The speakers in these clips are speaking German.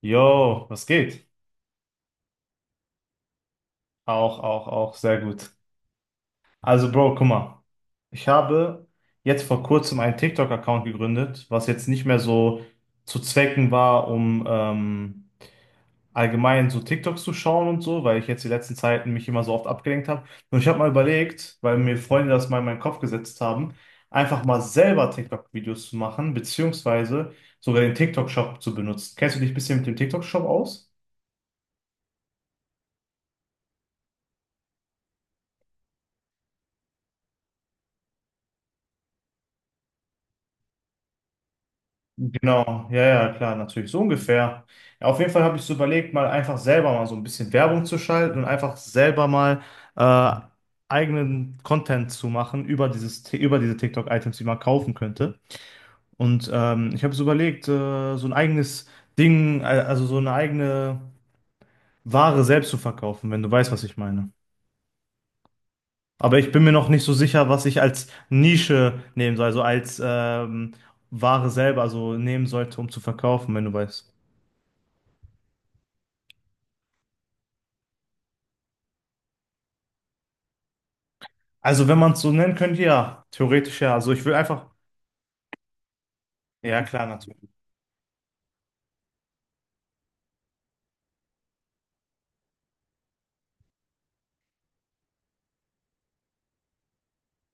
Jo, was geht? Auch, auch, auch, sehr gut. Also, Bro, guck mal. Ich habe jetzt vor kurzem einen TikTok-Account gegründet, was jetzt nicht mehr so zu Zwecken war, um allgemein so TikToks zu schauen und so, weil ich jetzt die letzten Zeiten mich immer so oft abgelenkt habe. Und ich habe mal überlegt, weil mir Freunde das mal in meinen Kopf gesetzt haben, einfach mal selber TikTok-Videos zu machen, beziehungsweise sogar den TikTok-Shop zu benutzen. Kennst du dich ein bisschen mit dem TikTok-Shop aus? Genau, ja, ja, klar, natürlich, so ungefähr. Ja, auf jeden Fall habe ich so überlegt, mal einfach selber mal so ein bisschen Werbung zu schalten und einfach selber mal äh, eigenen Content zu machen über über diese TikTok-Items, die man kaufen könnte. Und ich habe so überlegt, so ein eigenes Ding, also so eine eigene Ware selbst zu verkaufen, wenn du weißt, was ich meine. Aber ich bin mir noch nicht so sicher, was ich als Nische nehmen soll, also als Ware selber so nehmen sollte, um zu verkaufen, wenn du weißt. Also, wenn man es so nennen könnte, ja, theoretisch ja. Also, ich will einfach, ja, klar, natürlich.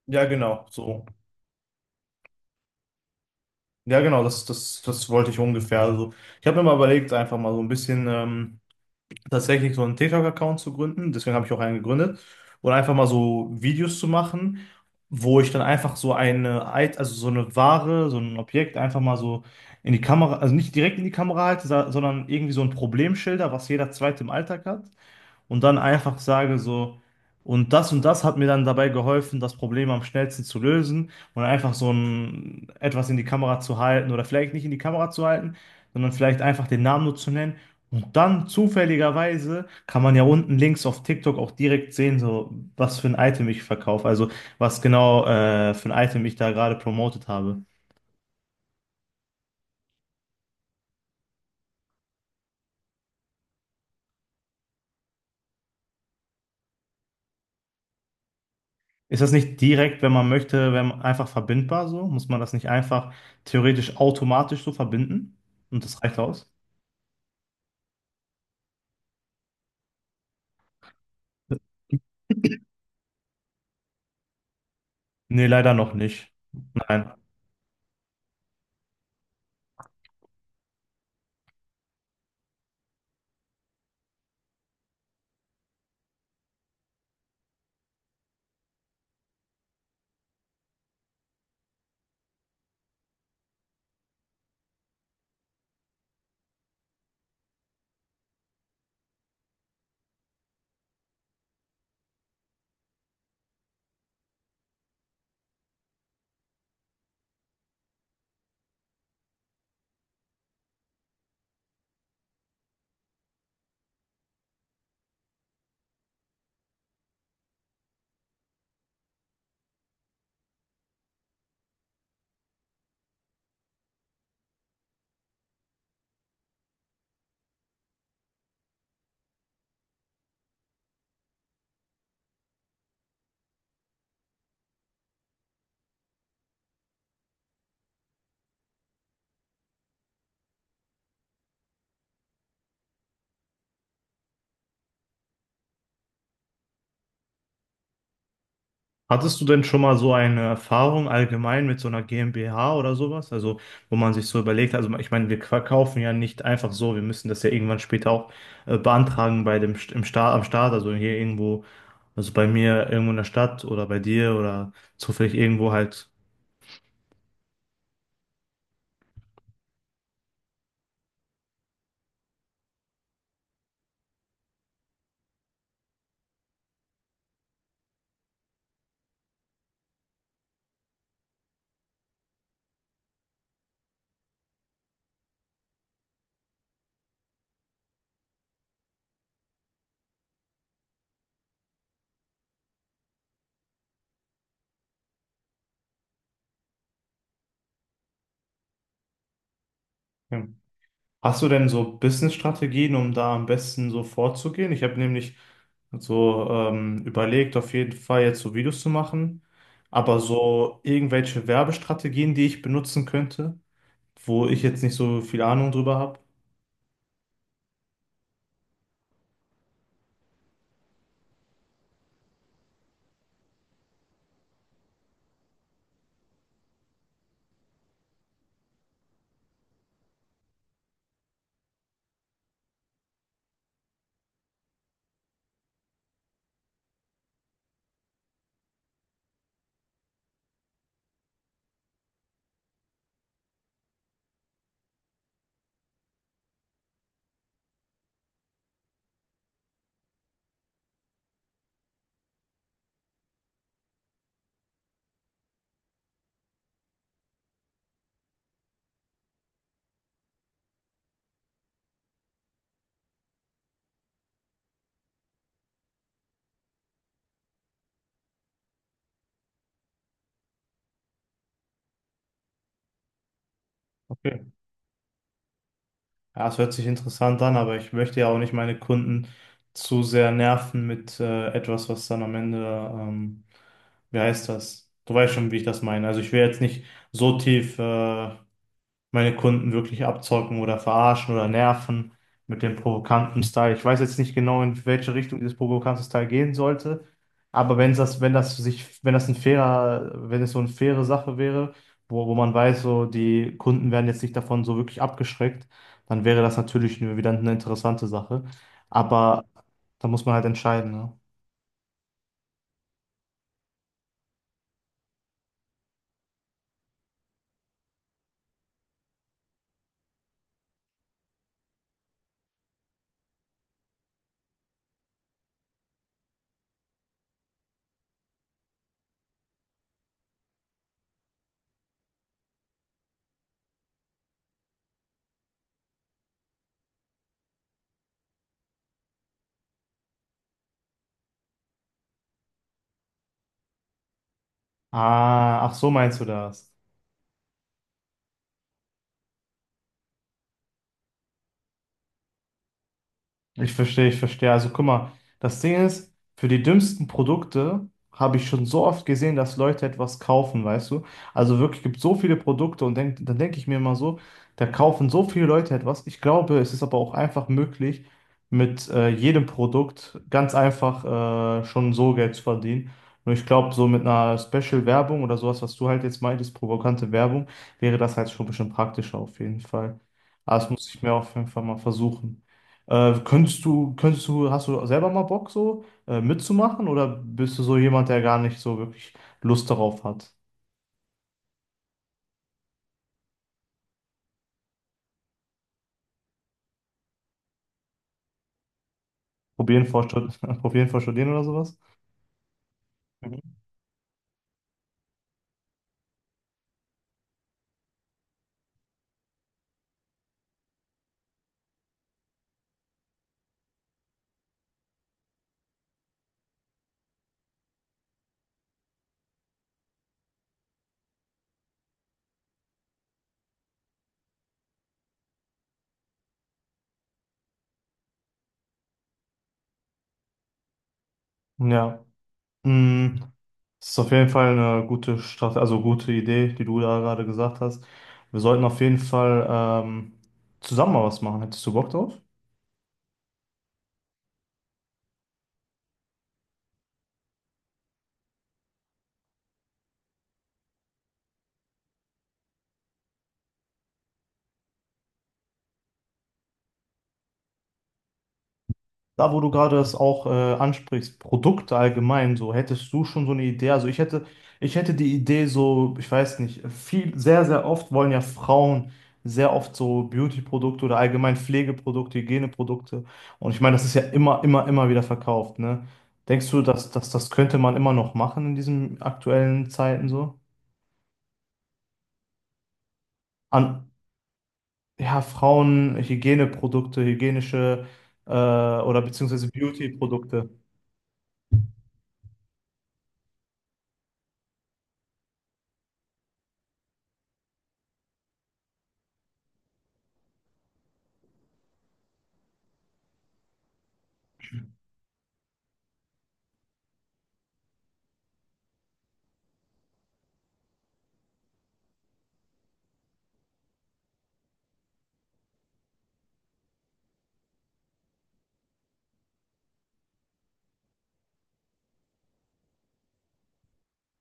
Ja, genau, so. Ja, genau, das wollte ich ungefähr. Also, ich habe mir mal überlegt, einfach mal so ein bisschen tatsächlich so einen TikTok-Account zu gründen. Deswegen habe ich auch einen gegründet. Und einfach mal so Videos zu machen, wo ich dann einfach also so eine Ware, so ein Objekt einfach mal so in die Kamera, also nicht direkt in die Kamera halte, sondern irgendwie so ein Problemschilder, was jeder zweite im Alltag hat. Und dann einfach sage so, und das hat mir dann dabei geholfen, das Problem am schnellsten zu lösen und einfach etwas in die Kamera zu halten oder vielleicht nicht in die Kamera zu halten, sondern vielleicht einfach den Namen nur zu nennen. Und dann zufälligerweise kann man ja unten links auf TikTok auch direkt sehen, so was für ein Item ich verkaufe, also was genau für ein Item ich da gerade promotet habe. Ist das nicht direkt, wenn man möchte, wenn man einfach verbindbar so? Muss man das nicht einfach theoretisch automatisch so verbinden? Und das reicht aus? Nee, leider noch nicht. Nein. Hattest du denn schon mal so eine Erfahrung allgemein mit so einer GmbH oder sowas? Also, wo man sich so überlegt, also ich meine, wir verkaufen ja nicht einfach so, wir müssen das ja irgendwann später auch beantragen im Staat, am Staat, also hier irgendwo, also bei mir irgendwo in der Stadt oder bei dir oder zufällig irgendwo halt. Hast du denn so Business-Strategien, um da am besten so vorzugehen? Ich habe nämlich so überlegt, auf jeden Fall jetzt so Videos zu machen, aber so irgendwelche Werbestrategien, die ich benutzen könnte, wo ich jetzt nicht so viel Ahnung drüber habe. Okay. Ja, es hört sich interessant an, aber ich möchte ja auch nicht meine Kunden zu sehr nerven mit etwas, was dann am Ende, ähm, wie heißt das? Du weißt schon, wie ich das meine. Also ich will jetzt nicht so tief meine Kunden wirklich abzocken oder verarschen oder nerven mit dem provokanten Style. Ich weiß jetzt nicht genau, in welche Richtung dieses provokante Style gehen sollte, aber wenn es so eine faire Sache wäre, wo man weiß, so die Kunden werden jetzt nicht davon so wirklich abgeschreckt, dann wäre das natürlich wieder eine interessante Sache. Aber da muss man halt entscheiden, ne? Ah, ach so meinst du das? Ich verstehe, ich verstehe. Also guck mal, das Ding ist, für die dümmsten Produkte habe ich schon so oft gesehen, dass Leute etwas kaufen, weißt du? Also wirklich gibt so viele Produkte und dann denke ich mir immer so, da kaufen so viele Leute etwas. Ich glaube, es ist aber auch einfach möglich, mit jedem Produkt ganz einfach schon so Geld zu verdienen. Nur ich glaube, so mit einer Special-Werbung oder sowas, was du halt jetzt meintest, provokante Werbung, wäre das halt schon ein bisschen praktischer auf jeden Fall. Aber das muss ich mir auf jeden Fall mal versuchen. Hast du selber mal Bock so mitzumachen oder bist du so jemand, der gar nicht so wirklich Lust darauf hat? Probieren vor Stud Probieren vor Studieren oder sowas? Mhm. Ja, mm, das ist auf jeden Fall eine gute Strategie, also gute Idee, die du da gerade gesagt hast. Wir sollten auf jeden Fall ähm, zusammen mal was machen. Hättest du Bock drauf? Da, wo du gerade das auch ansprichst, Produkte allgemein, so hättest du schon so eine Idee. Also ich hätte die Idee so, ich weiß nicht, viel, sehr, sehr oft wollen ja Frauen sehr oft so Beauty-Produkte oder allgemein Pflegeprodukte, Hygieneprodukte. Und ich meine, das ist ja immer, immer, immer wieder verkauft, ne? Denkst du, dass das könnte man immer noch machen in diesen aktuellen Zeiten so? An, ja, Frauen, Hygieneprodukte, hygienische oder beziehungsweise Beauty-Produkte.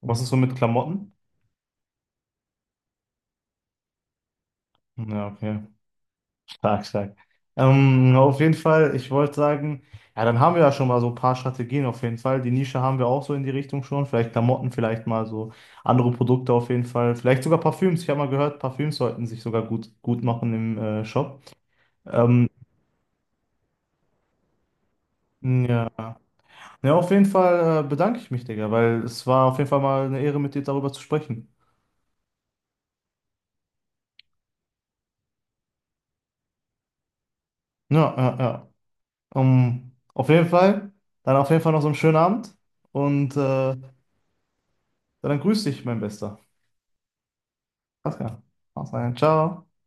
Was ist so mit Klamotten? Ja, okay. Stark, stark. Auf jeden Fall, ich wollte sagen, ja, dann haben wir ja schon mal so ein paar Strategien auf jeden Fall. Die Nische haben wir auch so in die Richtung schon. Vielleicht Klamotten, vielleicht mal so andere Produkte auf jeden Fall. Vielleicht sogar Parfüms. Ich habe mal gehört, Parfüms sollten sich sogar gut, gut machen im Shop. Ähm, ja. Ja, auf jeden Fall bedanke ich mich, Digga, weil es war auf jeden Fall mal eine Ehre, mit dir darüber zu sprechen. Ja, ja, ja. Auf jeden Fall, dann auf jeden Fall noch so einen schönen Abend und dann grüß dich, mein Bester. Pascal. Haus rein. Ciao.